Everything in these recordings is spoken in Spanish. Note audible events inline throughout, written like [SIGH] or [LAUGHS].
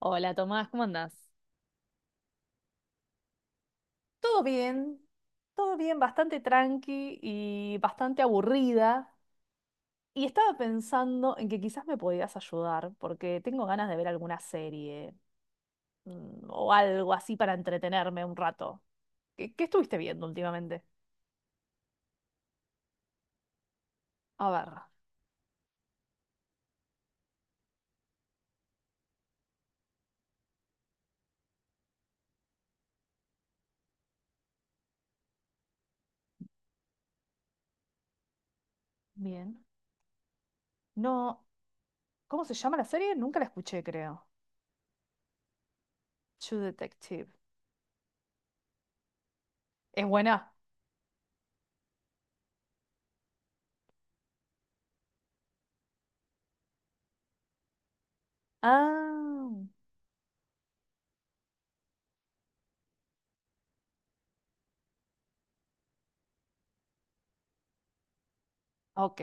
Hola Tomás, ¿cómo andás? Todo bien, todo bien, bastante tranqui y bastante aburrida. Y estaba pensando en que quizás me podías ayudar, porque tengo ganas de ver alguna serie o algo así para entretenerme un rato. ¿Qué estuviste viendo últimamente? A ver. Bien. No, ¿cómo se llama la serie? Nunca la escuché, creo. True Detective. ¿Es buena? Ah, ok.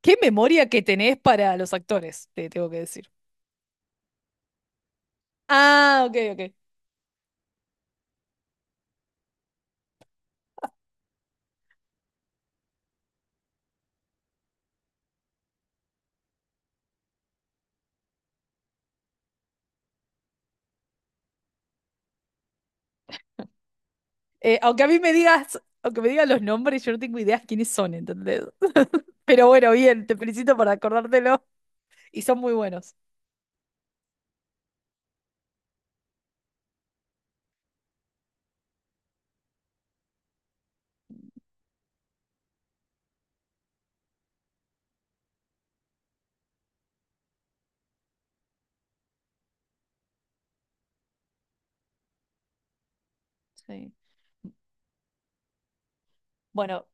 ¿Qué memoria que tenés para los actores? Te tengo que decir. Ah, ok, ok. Aunque a mí me digas, aunque me digas los nombres, yo no tengo idea quiénes son, ¿entendés? [LAUGHS] Pero bueno, bien, te felicito por acordártelo y son muy buenos. Sí. Bueno,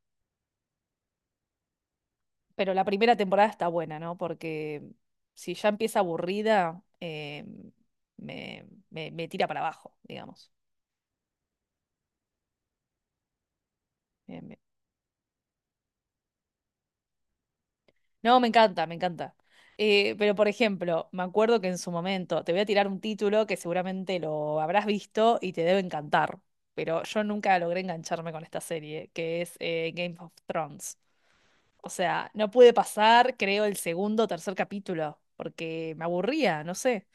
pero la primera temporada está buena, ¿no? Porque si ya empieza aburrida, me tira para abajo, digamos. No, me encanta, me encanta. Pero por ejemplo, me acuerdo que en su momento te voy a tirar un título que seguramente lo habrás visto y te debe encantar, pero yo nunca logré engancharme con esta serie, que es Game of Thrones. O sea, no pude pasar, creo, el segundo o tercer capítulo, porque me aburría, no sé.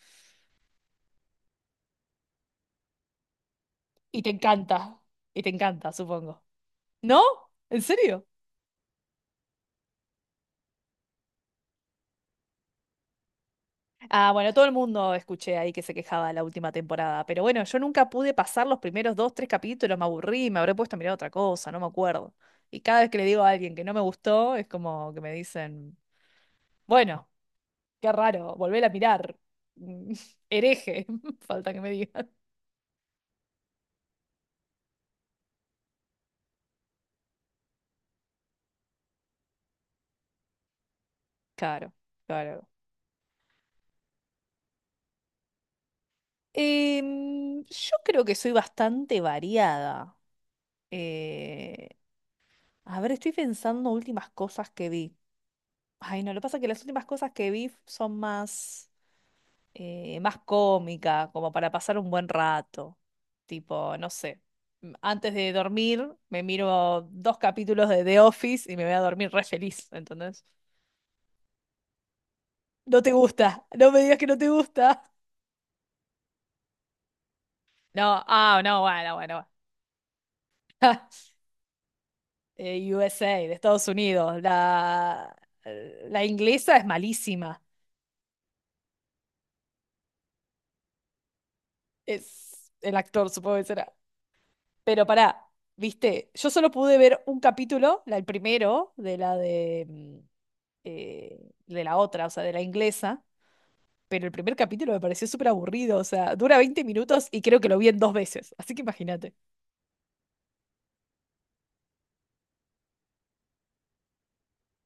Y te encanta, y te encanta, supongo. ¿No? ¿En serio? Ah, bueno, todo el mundo escuché ahí que se quejaba de la última temporada, pero bueno, yo nunca pude pasar los primeros dos, tres capítulos, me aburrí, me habré puesto a mirar otra cosa, no me acuerdo. Y cada vez que le digo a alguien que no me gustó, es como que me dicen, bueno, qué raro, volver a mirar. Mm, [LAUGHS] Hereje, [LAUGHS] falta que me digan. Claro, claro. Yo creo que soy bastante variada. Eh, a ver, estoy pensando últimas cosas que vi. Ay, no, lo que pasa es que las últimas cosas que vi son más más cómica, como para pasar un buen rato. Tipo, no sé. Antes de dormir, me miro dos capítulos de The Office y me voy a dormir re feliz, ¿entendés? No te gusta, no me digas que no te gusta. No, ah, no, bueno, bueno. [LAUGHS] USA, de Estados Unidos. La la inglesa es malísima. Es el actor, supongo que será. Pero pará, viste, yo solo pude ver un capítulo, el primero, de la de eh, de la otra, o sea, de la inglesa, pero el primer capítulo me pareció súper aburrido, o sea, dura 20 minutos y creo que lo vi en dos veces, así que imagínate.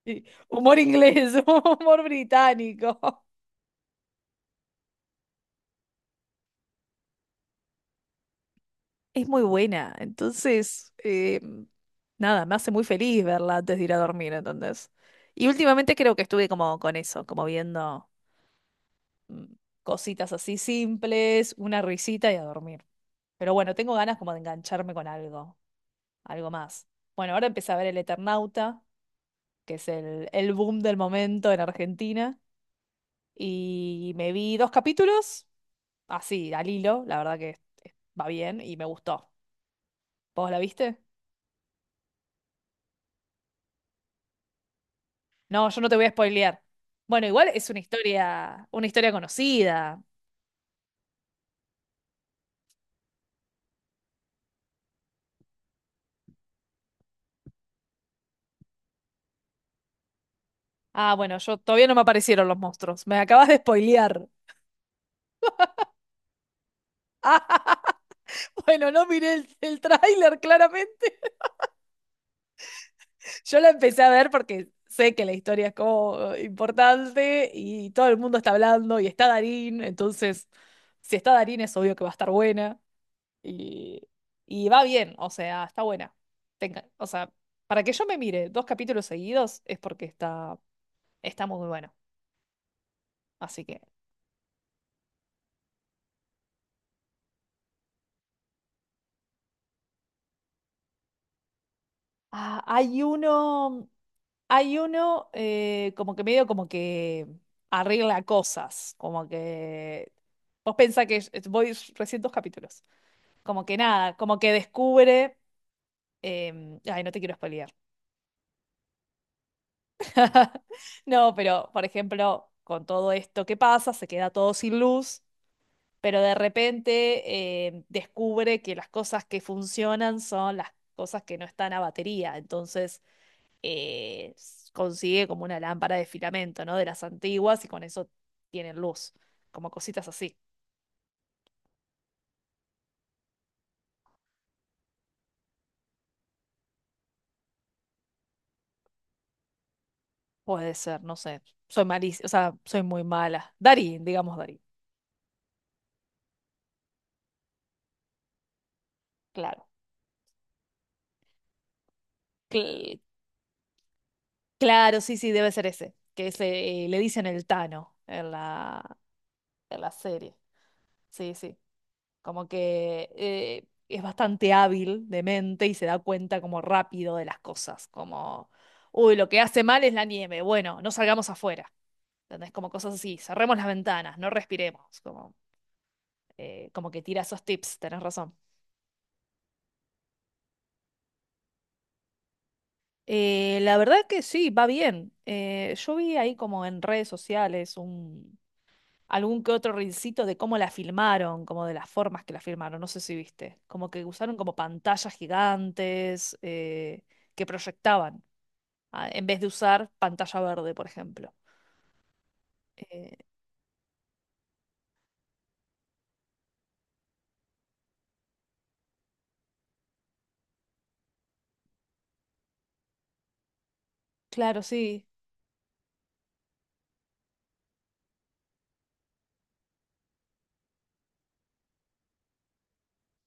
Y humor inglés, [LAUGHS] humor británico. Es muy buena, entonces, nada, me hace muy feliz verla antes de ir a dormir, entonces. Y últimamente creo que estuve como con eso, como viendo mm, cositas así simples, una risita y a dormir. Pero bueno, tengo ganas como de engancharme con algo, algo más. Bueno, ahora empecé a ver El Eternauta, que es el boom del momento en Argentina. Y me vi dos capítulos, así, al hilo, la verdad que va bien y me gustó. ¿Vos la viste? No, yo no te voy a spoilear. Bueno, igual es una historia conocida. Ah, bueno, yo todavía no me aparecieron los monstruos. Me acabas de spoilear. [LAUGHS] Bueno, no miré el tráiler claramente. Yo la empecé a ver porque sé que la historia es como importante y todo el mundo está hablando y está Darín, entonces si está Darín es obvio que va a estar buena. Y, y va bien, o sea, está buena. O sea, para que yo me mire dos capítulos seguidos es porque está, está muy bueno. Así que. Ah, hay uno. Hay uno como que medio como que arregla cosas. Como que. Vos pensás que es- Voy recién dos capítulos. Como que nada, como que descubre. Ay, no te quiero spoilear. [LAUGHS] No, pero por ejemplo, con todo esto que pasa, se queda todo sin luz. Pero de repente descubre que las cosas que funcionan son las cosas que no están a batería. Entonces consigue como una lámpara de filamento, ¿no? De las antiguas y con eso tienen luz, como cositas así. Puede ser, no sé. Soy malísima, o sea, soy muy mala. Darín, digamos Darín. Claro. Cl- claro, sí, sí, debe ser ese, que ese, le dicen el Tano en la serie. Sí, sí. Como que es bastante hábil de mente y se da cuenta como rápido de las cosas, como, uy, lo que hace mal es la nieve, bueno, no salgamos afuera, ¿entendés? Como cosas así, cerremos las ventanas, no respiremos, como, como que tira esos tips, tenés razón. La verdad que sí, va bien. Yo vi ahí como en redes sociales algún que otro rincito de cómo la filmaron, como de las formas que la filmaron, no sé si viste, como que usaron como pantallas gigantes que proyectaban, en vez de usar pantalla verde, por ejemplo. Eh, claro, sí,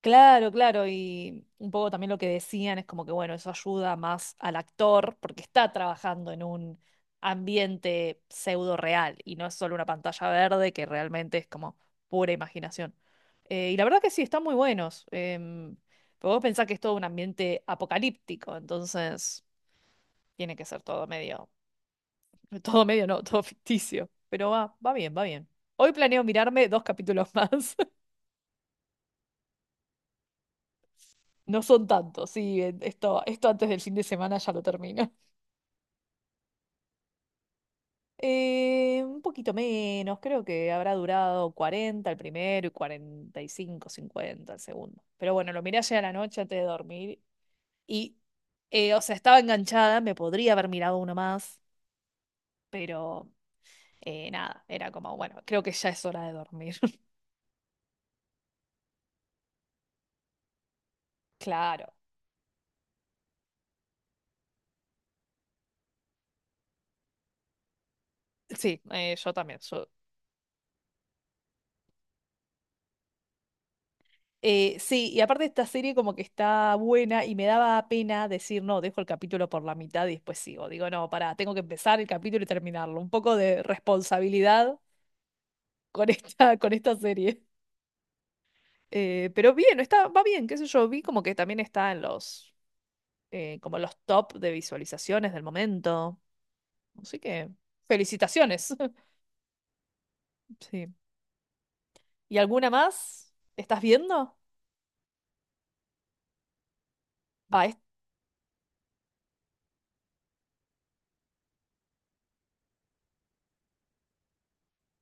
claro, claro, y un poco también lo que decían es como que, bueno, eso ayuda más al actor porque está trabajando en un ambiente pseudo real y no es solo una pantalla verde que realmente es como pura imaginación. Y la verdad que sí, están muy buenos. Pero vos pensás que es todo un ambiente apocalíptico, entonces tiene que ser todo medio, [LAUGHS] todo medio no, todo ficticio. Pero va, va bien, va bien. Hoy planeo mirarme dos capítulos más. [LAUGHS] No son tantos, sí, esto, esto antes del fin de semana ya lo termino. [LAUGHS] Un poquito menos, creo que habrá durado 40 el primero y 45 50 el segundo. Pero bueno, lo miré ayer a la noche antes de dormir. Y, o sea, estaba enganchada, me podría haber mirado uno más, pero nada, era como, bueno, creo que ya es hora de dormir. [LAUGHS] Claro. Sí, yo también. Sí, y aparte esta serie como que está buena y me daba pena decir, no, dejo el capítulo por la mitad y después sigo. Digo, no, pará, tengo que empezar el capítulo y terminarlo. Un poco de responsabilidad con esta, [LAUGHS] con esta serie. Pero bien, está, va bien, qué sé yo, vi como que también está en los, como los top de visualizaciones del momento. Así que, felicitaciones. [LAUGHS] Sí. ¿Y alguna más? ¿Estás viendo? Ah, es-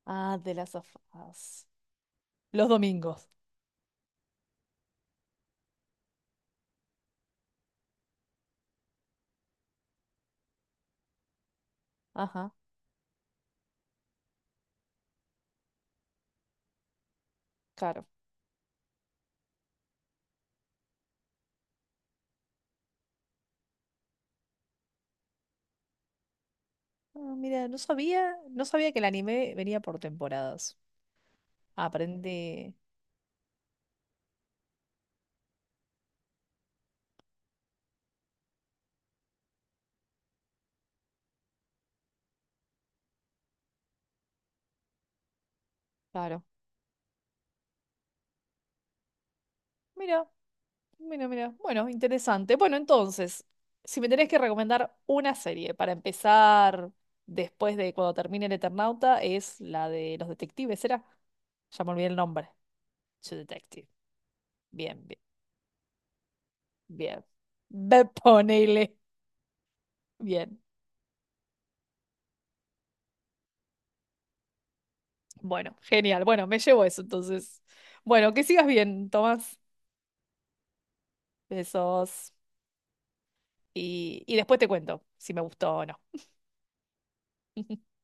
ah, de las afas. Los domingos. Ajá, claro. Ah, mira, no sabía, no sabía que el anime venía por temporadas. Aprendí. Claro. Mira, mira, mira. Bueno, interesante. Bueno, entonces, si me tenés que recomendar una serie para empezar después de cuando termine el Eternauta, es la de los detectives, ¿era? Ya me olvidé el nombre. True Detective. Bien, bien. Bien. Ponele. Bien. Bueno, genial. Bueno, me llevo eso entonces. Bueno, que sigas bien, Tomás. Besos. Y después te cuento si me gustó o no. [LAUGHS]